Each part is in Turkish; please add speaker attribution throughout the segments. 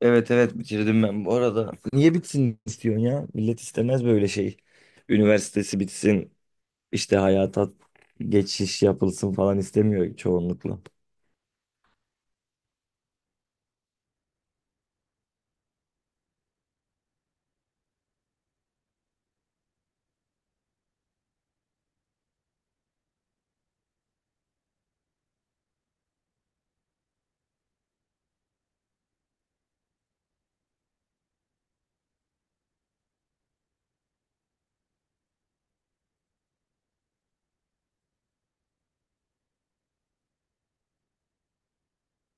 Speaker 1: Evet evet bitirdim ben bu arada. Niye bitsin istiyorsun ya? Millet istemez böyle şey. Üniversitesi bitsin, işte hayata geçiş yapılsın falan istemiyor çoğunlukla.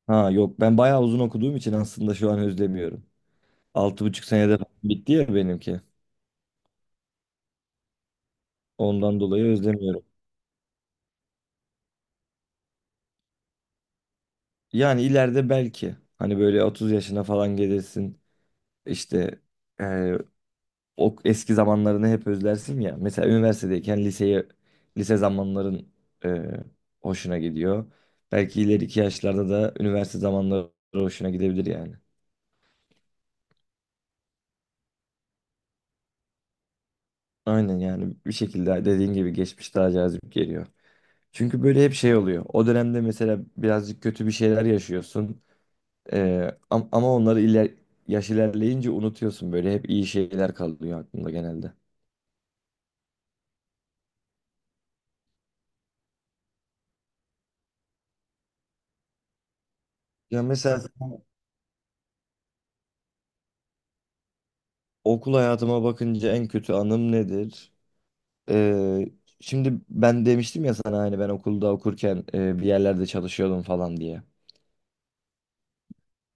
Speaker 1: Ha yok ben bayağı uzun okuduğum için aslında şu an özlemiyorum. 6,5 senede falan bitti ya benimki. Ondan dolayı özlemiyorum. Yani ileride belki hani böyle 30 yaşına falan gelirsin. İşte o eski zamanlarını hep özlersin ya. Mesela üniversitedeyken liseyi lise zamanların e, hoşuna gidiyor. Belki ileriki yaşlarda da üniversite zamanları hoşuna gidebilir yani. Aynen yani bir şekilde dediğin gibi geçmiş daha cazip geliyor. Çünkü böyle hep şey oluyor. O dönemde mesela birazcık kötü bir şeyler yaşıyorsun. E, ama onları yaş ilerleyince unutuyorsun böyle. Hep iyi şeyler kalıyor aklında genelde. Ya mesela okul hayatıma bakınca en kötü anım nedir? Ee, Şimdi ben demiştim ya sana hani ben okulda okurken bir yerlerde çalışıyordum falan diye.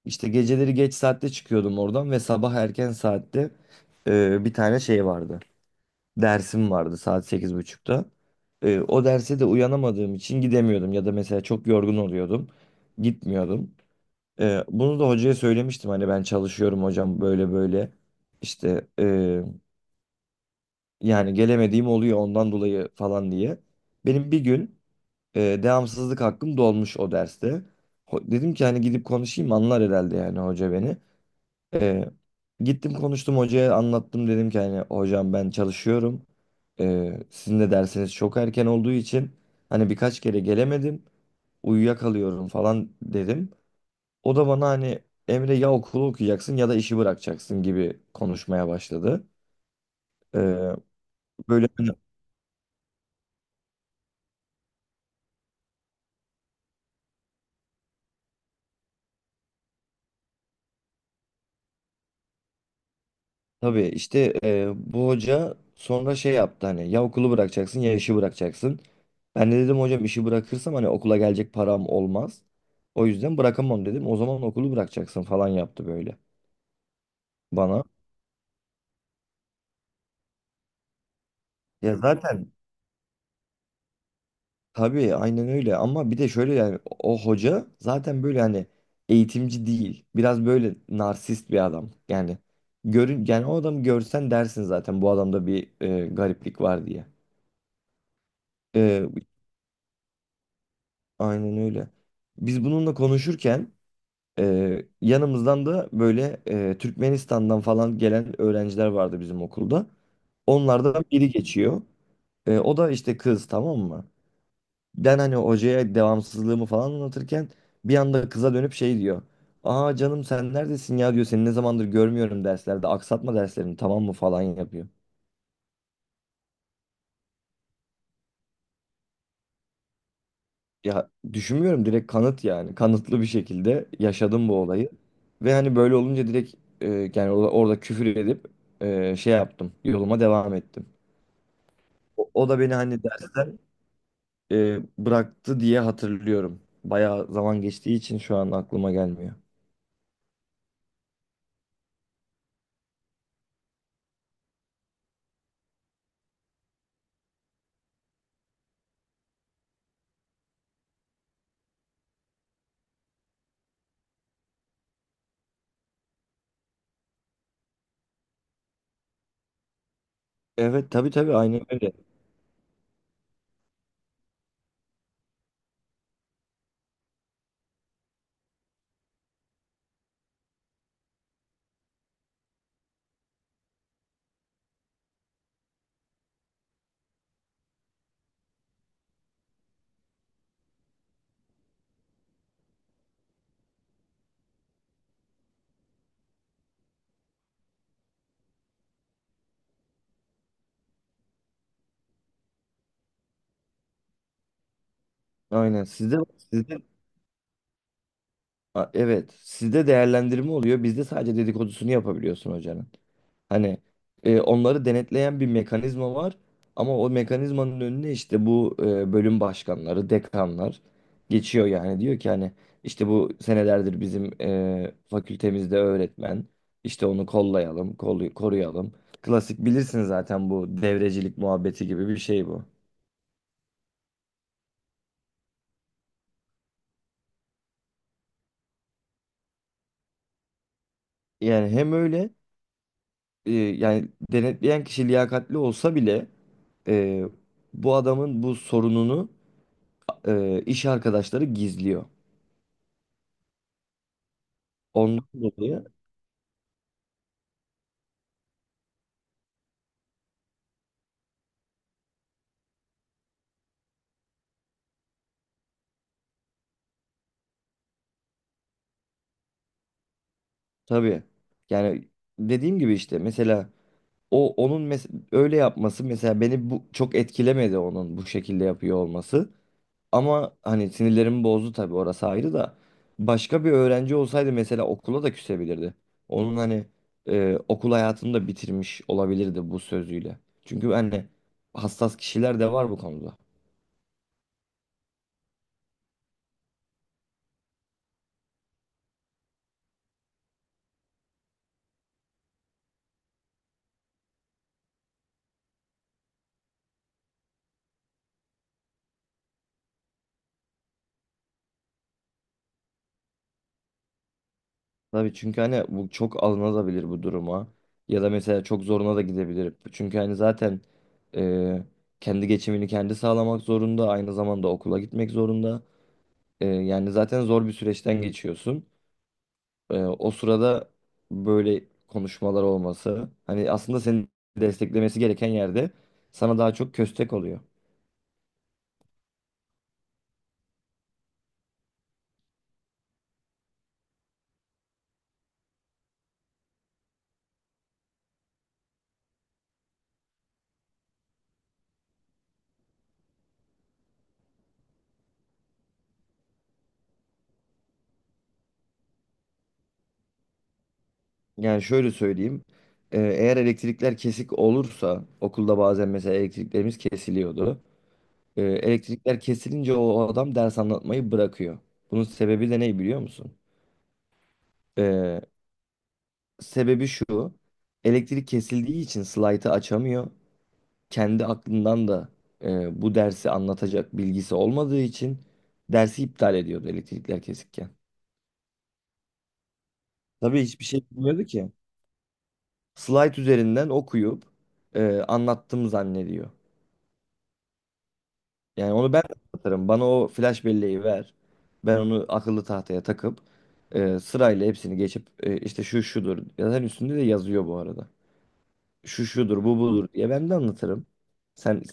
Speaker 1: İşte geceleri geç saatte çıkıyordum oradan ve sabah erken saatte bir tane şey vardı. Dersim vardı saat 8.30'da. O derse de uyanamadığım için gidemiyordum ya da mesela çok yorgun oluyordum. Gitmiyordum. Bunu da hocaya söylemiştim hani ben çalışıyorum hocam böyle böyle. İşte yani gelemediğim oluyor ondan dolayı falan diye. Benim bir gün devamsızlık hakkım dolmuş o derste. Dedim ki hani gidip konuşayım anlar herhalde yani hoca beni. E, Gittim konuştum hocaya anlattım dedim ki hani hocam ben çalışıyorum. Sizin de dersiniz çok erken olduğu için hani birkaç kere gelemedim. Uyuyakalıyorum falan dedim. O da bana hani Emre ya okulu okuyacaksın ya da işi bırakacaksın gibi konuşmaya başladı. E, böyle Tabii işte bu hoca sonra şey yaptı hani ya okulu bırakacaksın ya işi bırakacaksın. Ben de dedim hocam işi bırakırsam hani okula gelecek param olmaz. O yüzden bırakamam dedim. O zaman okulu bırakacaksın falan yaptı böyle bana. Ya zaten tabii aynen öyle ama bir de şöyle yani o hoca zaten böyle hani eğitimci değil. Biraz böyle narsist bir adam. Yani görün yani o adamı görsen dersin zaten bu adamda bir gariplik var diye. Aynen öyle. Biz bununla konuşurken yanımızdan da böyle Türkmenistan'dan falan gelen öğrenciler vardı bizim okulda. Onlardan biri geçiyor. O da işte kız tamam mı? Ben hani hocaya devamsızlığımı falan anlatırken bir anda kıza dönüp şey diyor. Aa canım sen neredesin ya diyor. Seni ne zamandır görmüyorum derslerde. Aksatma derslerini tamam mı falan yapıyor. Ya düşünmüyorum direkt kanıt yani. Kanıtlı bir şekilde yaşadım bu olayı. Ve hani böyle olunca direkt e, yani orada küfür edip şey yaptım. Yoluma devam ettim. O da beni hani dersten e, bıraktı diye hatırlıyorum. Bayağı zaman geçtiği için şu an aklıma gelmiyor. Evet tabii tabii aynen öyle. Aynen. Sizde, evet, sizde değerlendirme oluyor. Bizde sadece dedikodusunu yapabiliyorsun hocanın. Hani onları denetleyen bir mekanizma var ama o mekanizmanın önüne işte bu bölüm başkanları, dekanlar geçiyor yani diyor ki hani işte bu senelerdir bizim fakültemizde öğretmen işte onu kollayalım, koruyalım. Klasik bilirsin zaten bu devrecilik muhabbeti gibi bir şey bu. Yani hem öyle yani denetleyen kişi liyakatli olsa bile e, bu adamın bu sorununu iş arkadaşları gizliyor. Ondan dolayı. Tabii. Yani dediğim gibi işte mesela o onun öyle yapması mesela beni bu çok etkilemedi onun bu şekilde yapıyor olması. Ama hani sinirlerimi bozdu tabii orası ayrı da başka bir öğrenci olsaydı mesela okula da küsebilirdi. Onun hani okul hayatını da bitirmiş olabilirdi bu sözüyle. Çünkü hani hassas kişiler de var bu konuda. Tabii çünkü hani bu çok alınabilir bu duruma. Ya da mesela çok zoruna da gidebilir. Çünkü hani zaten e, kendi geçimini kendi sağlamak zorunda. Aynı zamanda okula gitmek zorunda. Yani zaten zor bir süreçten geçiyorsun. O sırada böyle konuşmalar olması. Hani aslında seni desteklemesi gereken yerde sana daha çok köstek oluyor. Yani şöyle söyleyeyim. Eğer elektrikler kesik olursa okulda bazen mesela elektriklerimiz kesiliyordu. Elektrikler kesilince o adam ders anlatmayı bırakıyor. Bunun sebebi de ne biliyor musun? Ee, Sebebi şu. Elektrik kesildiği için slaytı açamıyor. Kendi aklından da bu dersi anlatacak bilgisi olmadığı için dersi iptal ediyordu elektrikler kesikken. Tabii hiçbir şey bilmiyordu ki. Slide üzerinden okuyup anlattım zannediyor. Yani onu ben de anlatırım. Bana o flash belleği ver. Ben onu akıllı tahtaya takıp sırayla hepsini geçip işte şu şudur. Yazan üstünde de yazıyor bu arada. Şu şudur, bu budur diye ben de anlatırım. Sen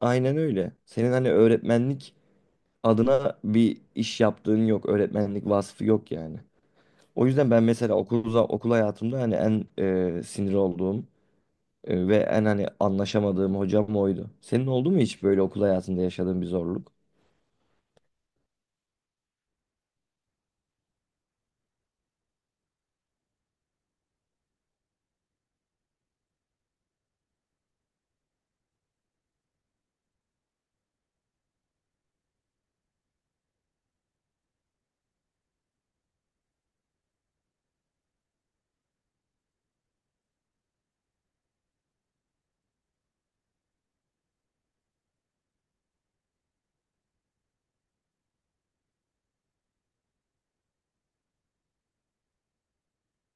Speaker 1: aynen öyle. Senin hani öğretmenlik adına bir iş yaptığın yok, öğretmenlik vasfı yok yani. O yüzden ben mesela okul hayatımda hani en sinir olduğum ve en hani anlaşamadığım hocam oydu. Senin oldu mu hiç böyle okul hayatında yaşadığın bir zorluk?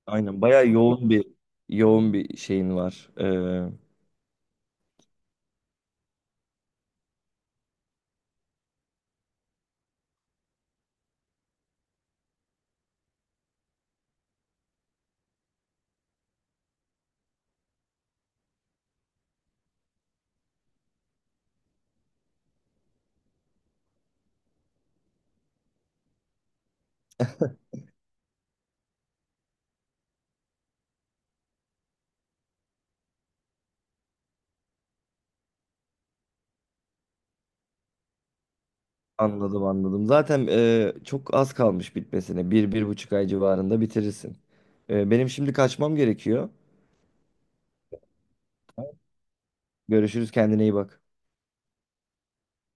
Speaker 1: Aynen bayağı yoğun bir şeyin var. Anladım anladım. Zaten çok az kalmış bitmesine. 1,5 ay civarında bitirirsin. Benim şimdi kaçmam gerekiyor. Görüşürüz, kendine iyi bak.